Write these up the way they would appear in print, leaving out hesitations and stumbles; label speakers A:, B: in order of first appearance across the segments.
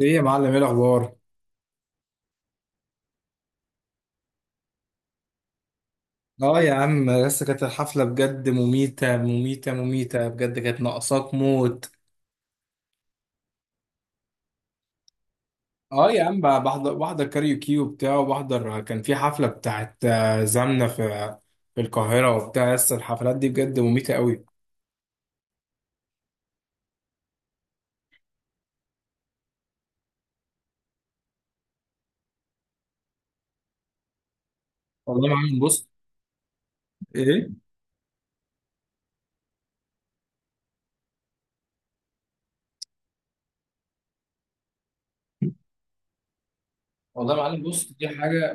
A: ايه يا معلم، ايه الاخبار؟ اه يا عم، لسه كانت الحفله بجد مميته مميته مميته، بجد كانت ناقصاك موت. اه يا عم، بقى بحضر كاريوكي وبتاع، وبحضر كان في حفله بتاعت زمنه في في القاهره وبتاع، لسه الحفلات دي بجد مميته قوي. والله يا معلم بص ايه، والله يا معلم بص، دي حاجه،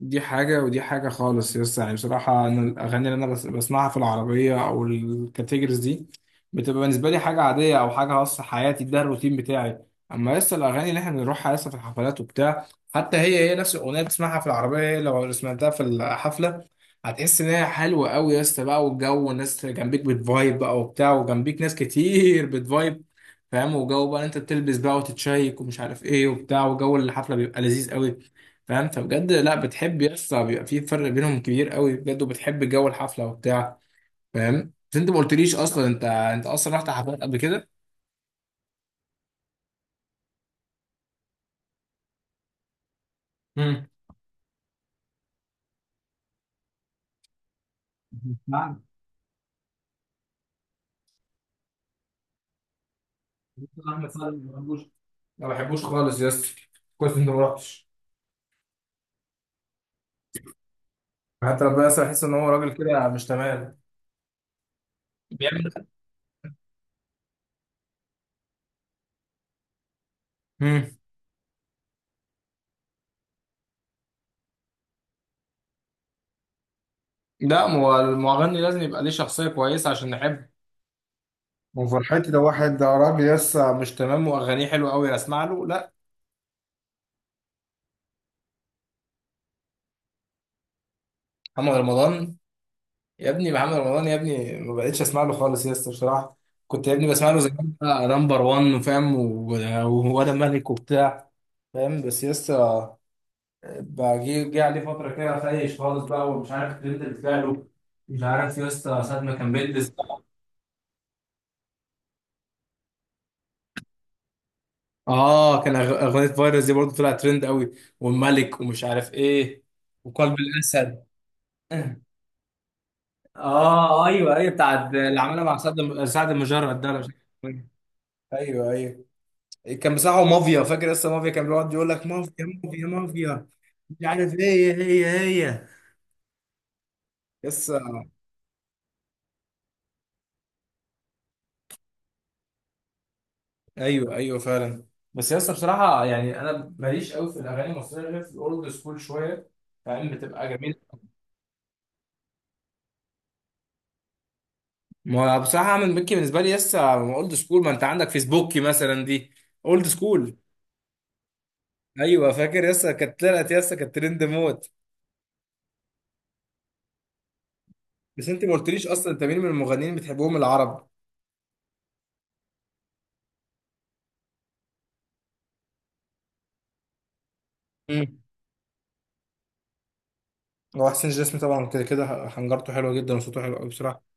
A: دي حاجة ودي حاجة خالص، يس يعني. بصراحة أنا الأغاني اللي أنا بس بسمعها في العربية أو الكاتيجوريز دي بتبقى بالنسبة لي حاجة عادية أو حاجة خاصة حياتي، ده الروتين بتاعي. أما لسه الأغاني اللي إحنا بنروحها لسه في الحفلات وبتاع، حتى هي نفس الأغنية بتسمعها في العربية، هي لو سمعتها في الحفلة هتحس إن هي حلوة أوي، يس بقى. والجو والناس جنبيك بتفايب بقى وبتاع، وجنبيك ناس كتير بتفايب، فاهم؟ وجو بقى أنت بتلبس بقى وتتشيك ومش عارف إيه وبتاع، وجو الحفلة بيبقى لذيذ أوي، فاهم؟ فبجد لا بتحب، يس، بيبقى في فرق بينهم كبير قوي بجد، وبتحب جو الحفله وبتاع، فاهم؟ بس انت ما قلتليش اصلا، انت اصلا رحت حفلات قبل كده؟ امم. نعم. احمد سعد ما بحبوش، ما بحبوش خالص، يس. كويس انت ما رحتش. حتى بس احس ان هو راجل كده مش تمام. بيعمل. امم. لا، ما هو المغني لازم يبقى ليه شخصيه كويسه عشان نحبه. وفرحتي ده، واحد ده راجل لسه مش تمام واغانيه حلوه قوي اسمع له؟ لا. محمد رمضان. يا ابني محمد رمضان، يا ابني ما بقتش اسمع له خالص يا اسطى بصراحه. كنت يا ابني بسمع له زمان، بقى نمبر 1 وفاهم وانا ملك وبتاع، فاهم؟ بس يا اسطى، بقى جه جه عليه فتره كده خايش خالص بقى، ومش عارف الترند اللي طلع له. مش عارف يا اسطى ساعه ما كان بيلبس. اه، كان اغنيه فيروس دي برضه طلعت ترند قوي، والملك ومش عارف ايه، وقلب الاسد. اه ايوه ايوه، بتاعت اللي عملها مع سعد المجرد ده، ولا مش عارف اسمه إيه. ايوه ايوه، كان بتاعه مافيا، فاكر؟ لسه مافيا، كان بيقعد يقول لك مافيا مافيا مافيا، مش عارف ايه هي. هي هي. لسه. ايوه ايوه فعلا. بس لسه بصراحه يعني انا ماليش قوي في الاغاني المصريه، غير في الاولد سكول شويه، فاهم؟ بتبقى جميله. ما هو بصراحه من مكي بالنسبه لي لسه اولد سكول. ما انت عندك فيسبوكي مثلا دي، اولد سكول. ايوه فاكر، لسه كانت طلعت لسه كانت ترند موت. بس انت ما قلتليش اصلا، انت مين من المغنيين بتحبهم العرب؟ امم. هو حسين جسمي طبعا كده كده حنجرته حلوه جدا، وصوته حلو قوي بصراحه.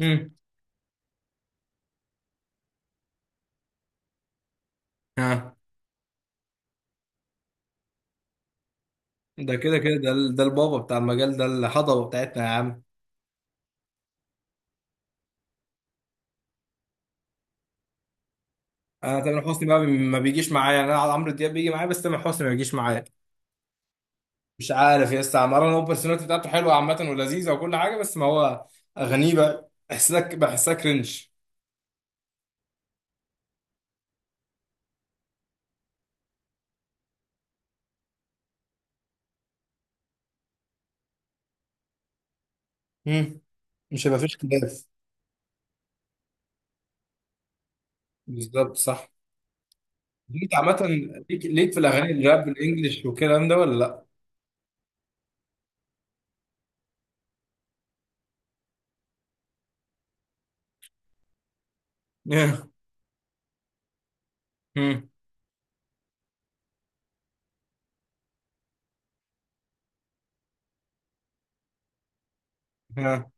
A: امم. ها. ده كده كده، ده البابا بتاع المجال ده، الهضبه بتاعتنا يا عم. انا تامر حسني بقى ما بيجيش معايا، انا عمرو دياب بيجي معايا، بس تامر حسني ما بيجيش معايا. مش عارف يا اسطى عمران، هو البرسوناليتي بتاعته حلوه عامه ولذيذه وكل حاجه، بس ما هو اغانيه بقى بحسها بحسها كرنج. امم. مش هيبقى فيش خلاف. بالظبط، صح. انت عامه، ليك في الاغاني الراب الانجليش والكلام ده ولا لا؟ امم. ها.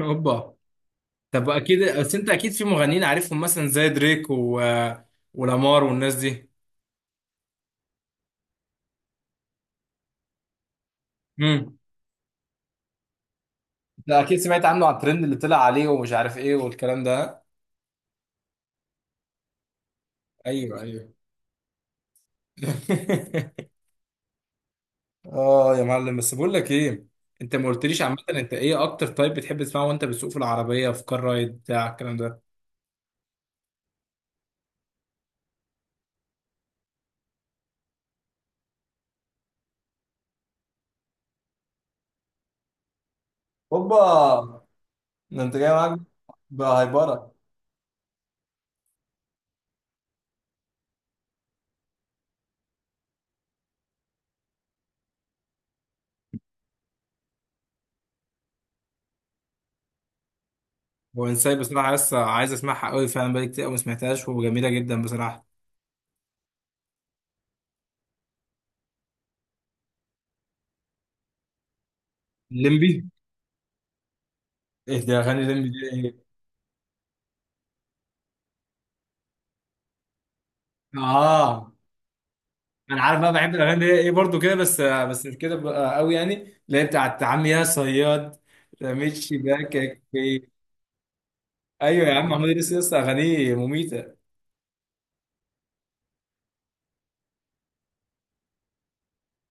A: اوبا. طب اكيد، بس انت اكيد في مغنيين عارفهم مثلا زي دريك و... ولامار والناس دي. امم. ده اكيد سمعت عنه على الترند اللي طلع عليه ومش عارف ايه والكلام ده. ايوه ايوه. اه يا معلم، بس بقول لك ايه، انت ما قلتليش عامه، انت ايه اكتر تايب بتحب تسمعه وانت بتسوق في العربيه، في كار رايد بتاع الكلام ده؟ اوبا. ده انت جاي معاك بهايبرة. وانساي بصراحه لسه عايز اسمعها قوي فعلا، بقالي كتير قوي ما سمعتهاش وجميله جدا بصراحه. الليمبي. ايه ده اغاني الليمبي دي؟ اه انا عارف بقى، بحب الاغاني اللي هي ايه برضو كده، بس بس مش كده بقى قوي يعني. اللي هي بتاعت عم يا صياد، رميت شباكك في. ايوه يا عم، محمود إدريس لسه اغانيه مميته.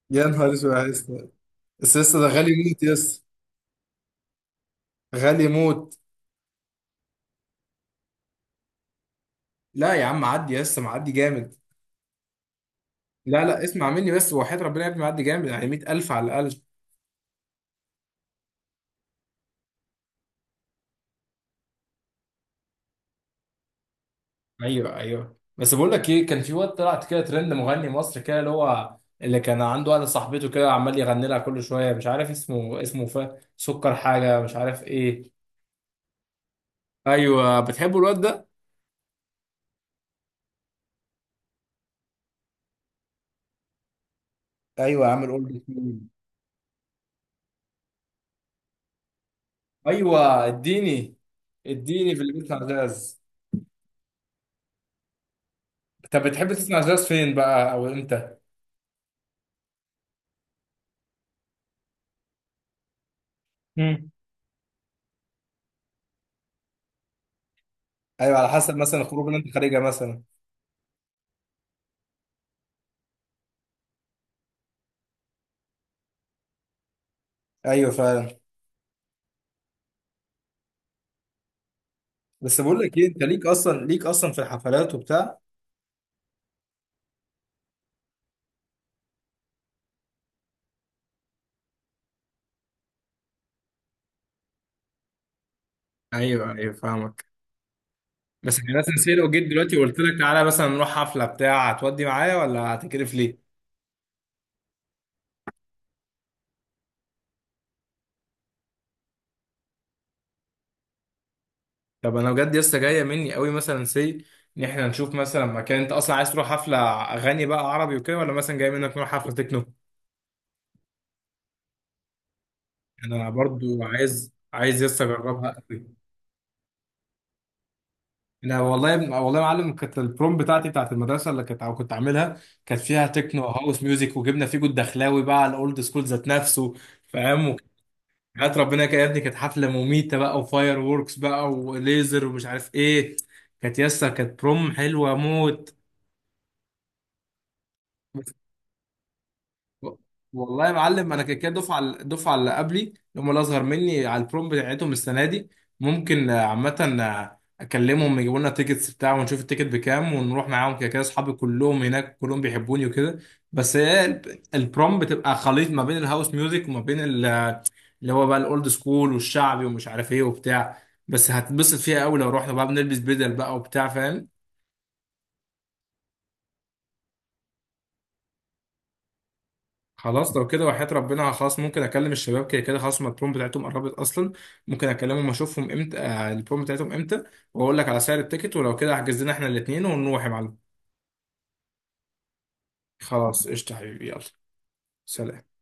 A: يا نهار اسود يا اسطى، بس لسه ده غالي موت يا اسطى. غالي موت. لا يا عم، معدي لسه، معدي جامد. لا لا، اسمع مني بس، وحياة ربنا يا ابني معدي جامد، يعني 100,000 على الاقل. ايوه ايوه، بس بقول لك ايه، كان في وقت طلعت كده ترند مغني مصري كده، اللي هو اللي كان عنده واحده صاحبته كده عمال يغني لها كل شويه، مش عارف اسمه، اسمه سكر حاجه، مش عارف ايه. ايوه بتحبوا الواد ده؟ ايوه يا عم، الاولد سكول. ايوه، اديني اديني في اللي بيسمع جاز. طب بتحب تسمع جاز فين بقى او امتى؟ مم. ايوه، على حسب مثلا الخروج اللي انت خارجها مثلا. ايوه فعلا. بس بقول لك ايه، انت ليك اصلا، ليك اصلا في الحفلات وبتاع؟ ايوه ايوه فاهمك. بس احنا مثلا سي، لو جيت دلوقتي وقلت لك تعالى مثلا نروح حفله بتاع، هتودي معايا ولا هتكرف ليه؟ طب انا بجد لسه جايه مني قوي مثلا سي، ان احنا نشوف مثلا مكان، انت اصلا عايز تروح حفله اغاني بقى عربي وكده، ولا مثلا جاي منك نروح حفله تكنو؟ انا برضو عايز، عايز لسه اجربها قوي. انا والله يا ابني- والله يا معلم، كانت البروم بتاعتي بتاعت المدرسه اللي كنت عاملها، كانت فيها تكنو هاوس ميوزك، وجبنا فيجو الدخلاوي بقى الاولد سكول ذات نفسه، فاهم؟ حياة ربنا كده يا ابني كانت حفلة مميتة بقى، وفاير ووركس بقى وليزر ومش عارف ايه، كانت يسا، كانت بروم حلوة موت. والله يا معلم، انا كده كده دفعه، الدفعه اللي قبلي اللي هم الاصغر مني، على البروم بتاعتهم السنه دي ممكن عامه اكلمهم يجيبوا لنا تيكتس بتاع، ونشوف التيكت بكام ونروح معاهم، كده كده اصحابي كلهم هناك كلهم بيحبوني وكده. بس هي البروم بتبقى خليط ما بين الهاوس ميوزك وما بين اللي هو بقى الاولد سكول والشعبي ومش عارف ايه وبتاع، بس هتبسط فيها قوي. لو رحنا بقى بنلبس بدل بقى وبتاع، فاهم؟ خلاص لو كده، وحياة ربنا خلاص ممكن اكلم الشباب، كده كده خلاص هما البروم بتاعتهم قربت اصلا. ممكن اكلمهم اشوفهم امتى البروم بتاعتهم امتى، واقول لك على سعر التيكت، ولو كده احجز لنا احنا الاثنين ونروح يا معلم. خلاص قشطة حبيبي، يلا سلام.